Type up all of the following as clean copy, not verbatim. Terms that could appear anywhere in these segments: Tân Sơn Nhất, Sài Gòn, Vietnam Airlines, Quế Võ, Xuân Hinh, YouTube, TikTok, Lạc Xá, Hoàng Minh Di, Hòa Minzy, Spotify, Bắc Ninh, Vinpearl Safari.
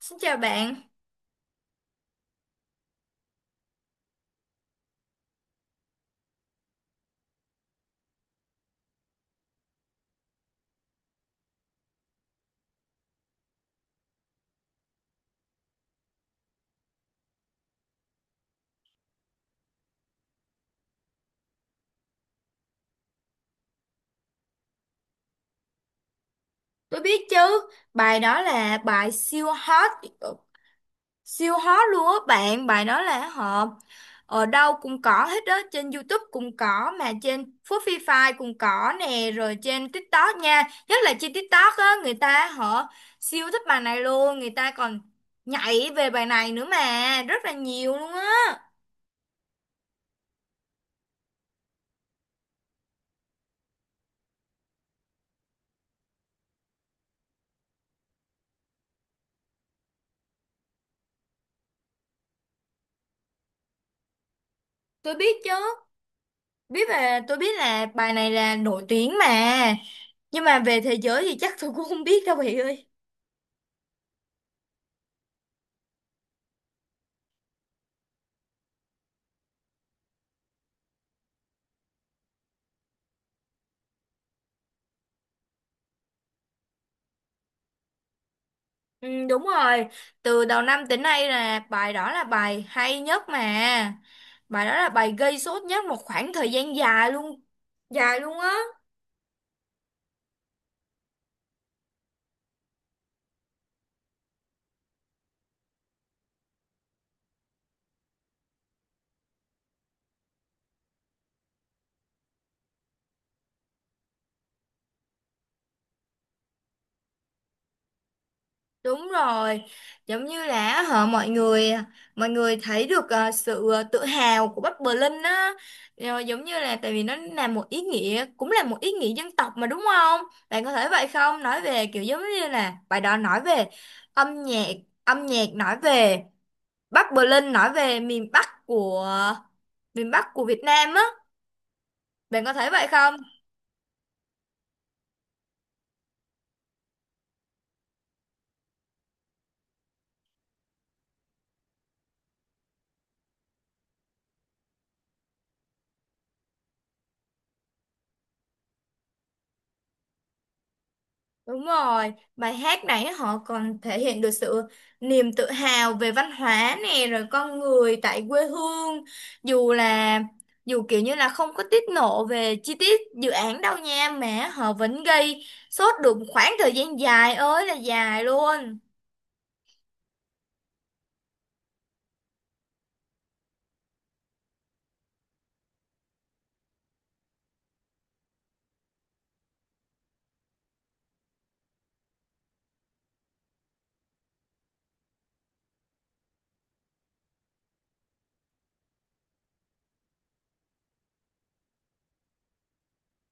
Xin chào bạn. Tôi biết chứ, bài đó là bài siêu hot, ờ, siêu hot luôn á bạn, bài đó là họ ở đâu cũng có hết đó, trên YouTube cũng có, mà trên Spotify cũng có nè, rồi trên TikTok nha, nhất là trên TikTok á, người ta họ siêu thích bài này luôn, người ta còn nhảy về bài này nữa mà, rất là nhiều luôn á, tôi biết chứ, biết về, tôi biết là bài này là nổi tiếng mà, nhưng mà về thế giới thì chắc tôi cũng không biết đâu bạn ơi. Ừ, đúng rồi, từ đầu năm tới nay là bài đó là bài hay nhất mà. Bài đó là bài gây sốt nhất một khoảng thời gian dài luôn á. Đúng rồi, giống như là họ mọi người thấy được sự tự hào của Bắc Berlin á. Rồi giống như là tại vì nó là một ý nghĩa cũng là một ý nghĩa dân tộc mà đúng không? Bạn có thấy vậy không? Nói về kiểu giống như là bài đó nói về âm nhạc, âm nhạc nói về Bắc Berlin, nói về miền Bắc của Việt Nam á, bạn có thấy vậy không? Đúng rồi, bài hát này họ còn thể hiện được sự niềm tự hào về văn hóa nè, rồi con người tại quê hương, dù là dù kiểu như là không có tiết lộ về chi tiết dự án đâu nha, mà họ vẫn gây sốt được một khoảng thời gian dài ơi là dài luôn.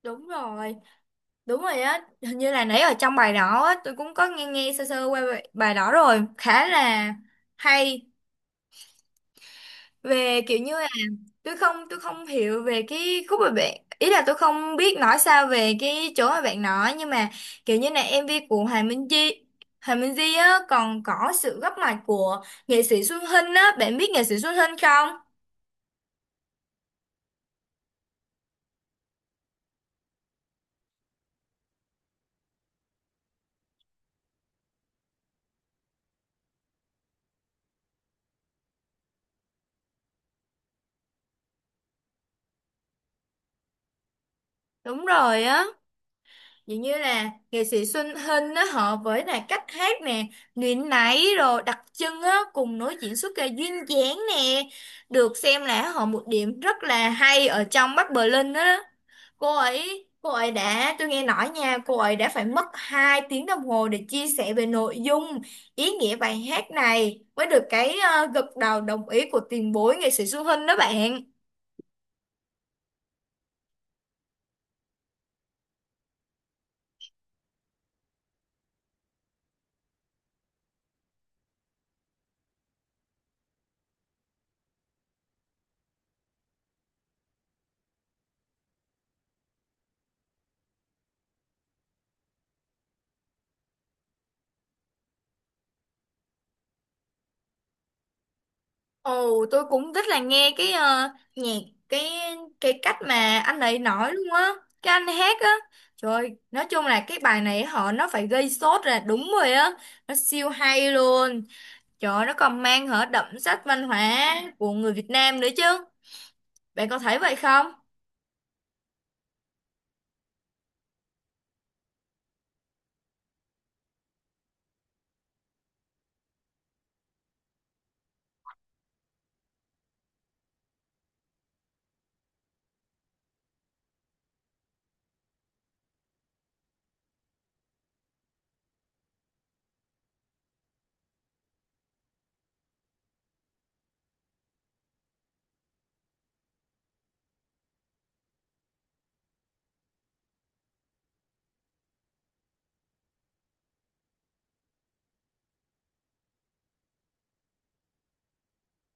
Đúng rồi. Đúng rồi á, hình như là nãy ở trong bài đó á, tôi cũng có nghe nghe sơ sơ qua bài bài đó rồi, khá là hay. Về kiểu như là tôi không hiểu về cái khúc mà bạn ý là, tôi không biết nói sao về cái chỗ mà bạn nói, nhưng mà kiểu như là MV của Hoàng Minh Di, Hoàng Minh Di á, còn có sự góp mặt của nghệ sĩ Xuân Hinh á, bạn biết nghệ sĩ Xuân Hinh không? Đúng rồi á. Dường như là nghệ sĩ Xuân Hinh á, họ với là cách hát nè, nguyện nãy rồi đặc trưng á, cùng nói diễn xuất là duyên dáng nè, được xem là họ một điểm rất là hay ở trong Bắc Berlin á. Cô ấy đã, tôi nghe nói nha, cô ấy đã phải mất 2 tiếng đồng hồ để chia sẻ về nội dung, ý nghĩa bài hát này mới được cái gật đầu đồng ý của tiền bối nghệ sĩ Xuân Hinh đó bạn. Ồ, tôi cũng rất là nghe cái nhạc, cái cái cách mà anh ấy nói luôn á, cái anh hát á. Trời ơi, nói chung là cái bài này họ nó phải gây sốt là đúng rồi á, nó siêu hay luôn. Trời ơi, nó còn mang hở đậm sắc văn hóa của người Việt Nam nữa chứ. Bạn có thấy vậy không?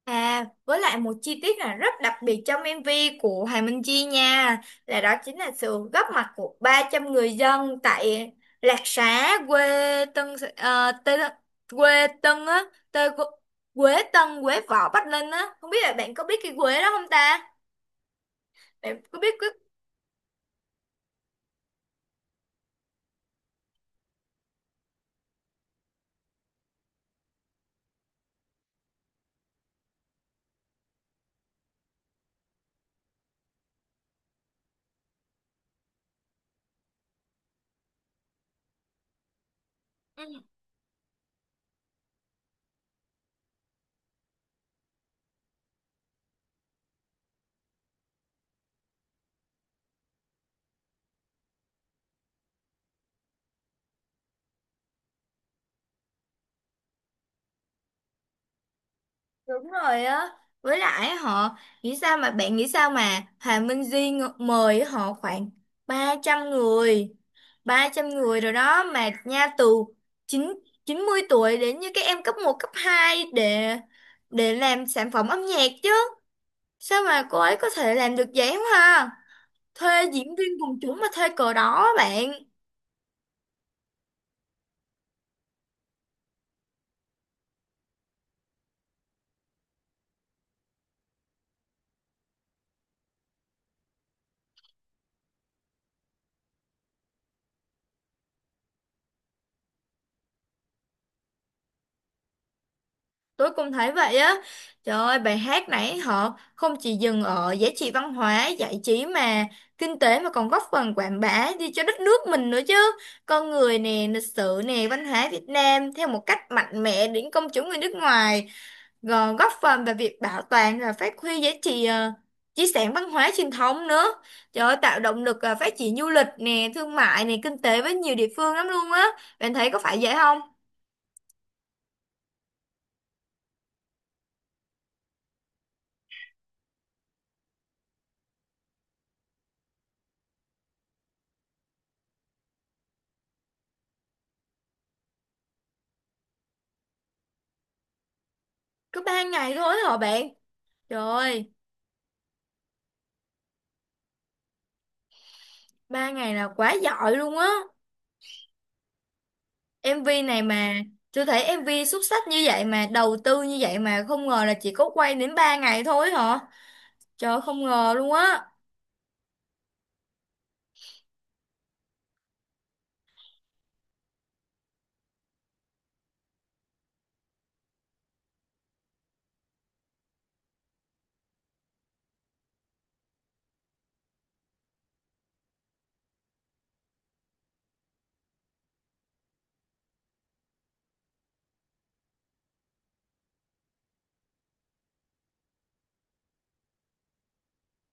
À, với lại một chi tiết là rất đặc biệt trong MV của Hoàng Minh Chi nha, là đó chính là sự góp mặt của 300 người dân tại Lạc Xá, quê Tân, Tê, quê Tân á, Tê, Quế Tân, Quế Võ, Bắc Ninh á. Không biết là bạn có biết cái quế đó không ta? Bạn có biết cái... Ừ, đúng rồi á. Với lại họ nghĩ sao, mà bạn nghĩ sao mà Hoàng Minh Di mời họ khoảng 300 người, 300 người rồi đó mà nha, từ chín 90 tuổi đến như các em cấp một cấp 2 để làm sản phẩm âm nhạc chứ. Sao mà cô ấy có thể làm được vậy không ha? Thuê diễn viên quần chúng mà thuê cờ đó á bạn. Tôi cũng thấy vậy á. Trời ơi, bài hát nãy họ không chỉ dừng ở giá trị văn hóa, giải trí mà kinh tế, mà còn góp phần quảng bá đi cho đất nước mình nữa chứ. Con người nè, lịch sử nè, văn hóa Việt Nam theo một cách mạnh mẽ đến công chúng người nước ngoài, góp phần vào việc bảo toàn và phát huy giá trị di sản văn hóa truyền thống nữa. Trời ơi, tạo động lực phát triển du lịch nè, thương mại nè, kinh tế với nhiều địa phương lắm luôn á, bạn thấy có phải vậy không? Có 3 ngày thôi hả bạn? Trời ơi, 3 ngày là quá giỏi luôn á. MV này mà, tôi thấy MV xuất sắc như vậy mà đầu tư như vậy mà không ngờ là chỉ có quay đến 3 ngày thôi hả. Trời ơi, không ngờ luôn á.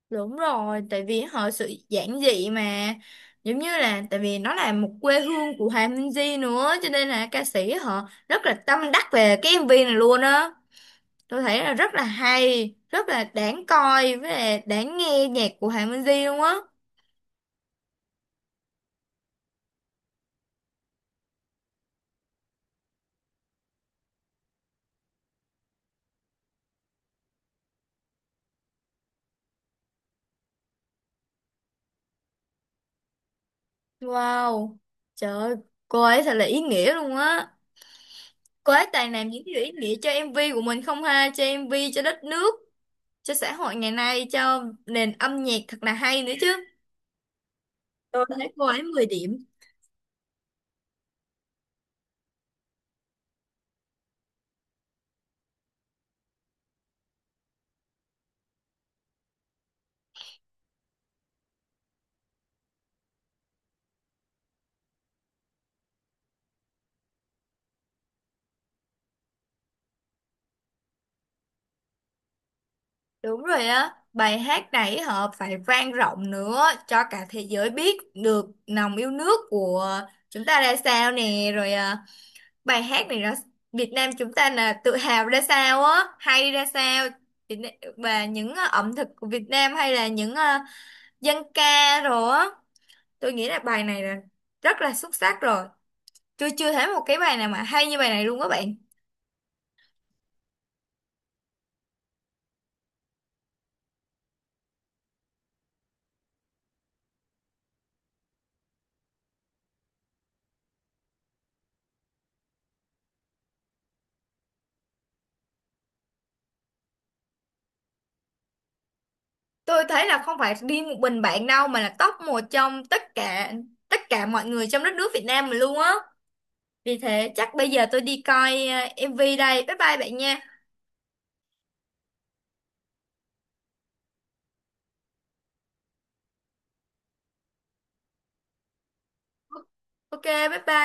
Đúng rồi, tại vì họ sự giản dị mà, giống như là tại vì nó là một quê hương của Hòa Minzy nữa, cho nên là ca sĩ họ rất là tâm đắc về cái MV này luôn á. Tôi thấy là rất là hay, rất là đáng coi với là đáng nghe nhạc của Hòa Minzy luôn á. Wow. Trời ơi, cô ấy thật là ý nghĩa luôn á. Cô ấy toàn làm những điều ý nghĩa cho MV của mình không ha, cho MV, cho đất nước, cho xã hội ngày nay, cho nền âm nhạc thật là hay nữa chứ. Tôi thấy cô ấy 10 điểm. Đúng rồi á, bài hát này họ phải vang rộng nữa cho cả thế giới biết được lòng yêu nước của chúng ta ra sao nè, rồi à, bài hát này là Việt Nam chúng ta là tự hào ra sao á, hay ra sao Việt Nam, và những à, ẩm thực của Việt Nam hay là những à, dân ca rồi á, tôi nghĩ là bài này là rất là xuất sắc rồi. Tôi chưa thấy một cái bài nào mà hay như bài này luôn các bạn. Tôi thấy là không phải riêng một mình bạn đâu, mà là top 1 trong tất cả, tất cả mọi người trong đất nước Việt Nam mà luôn á. Vì thế chắc bây giờ tôi đi coi MV đây, bye bye bạn nha. Ok, bye bye.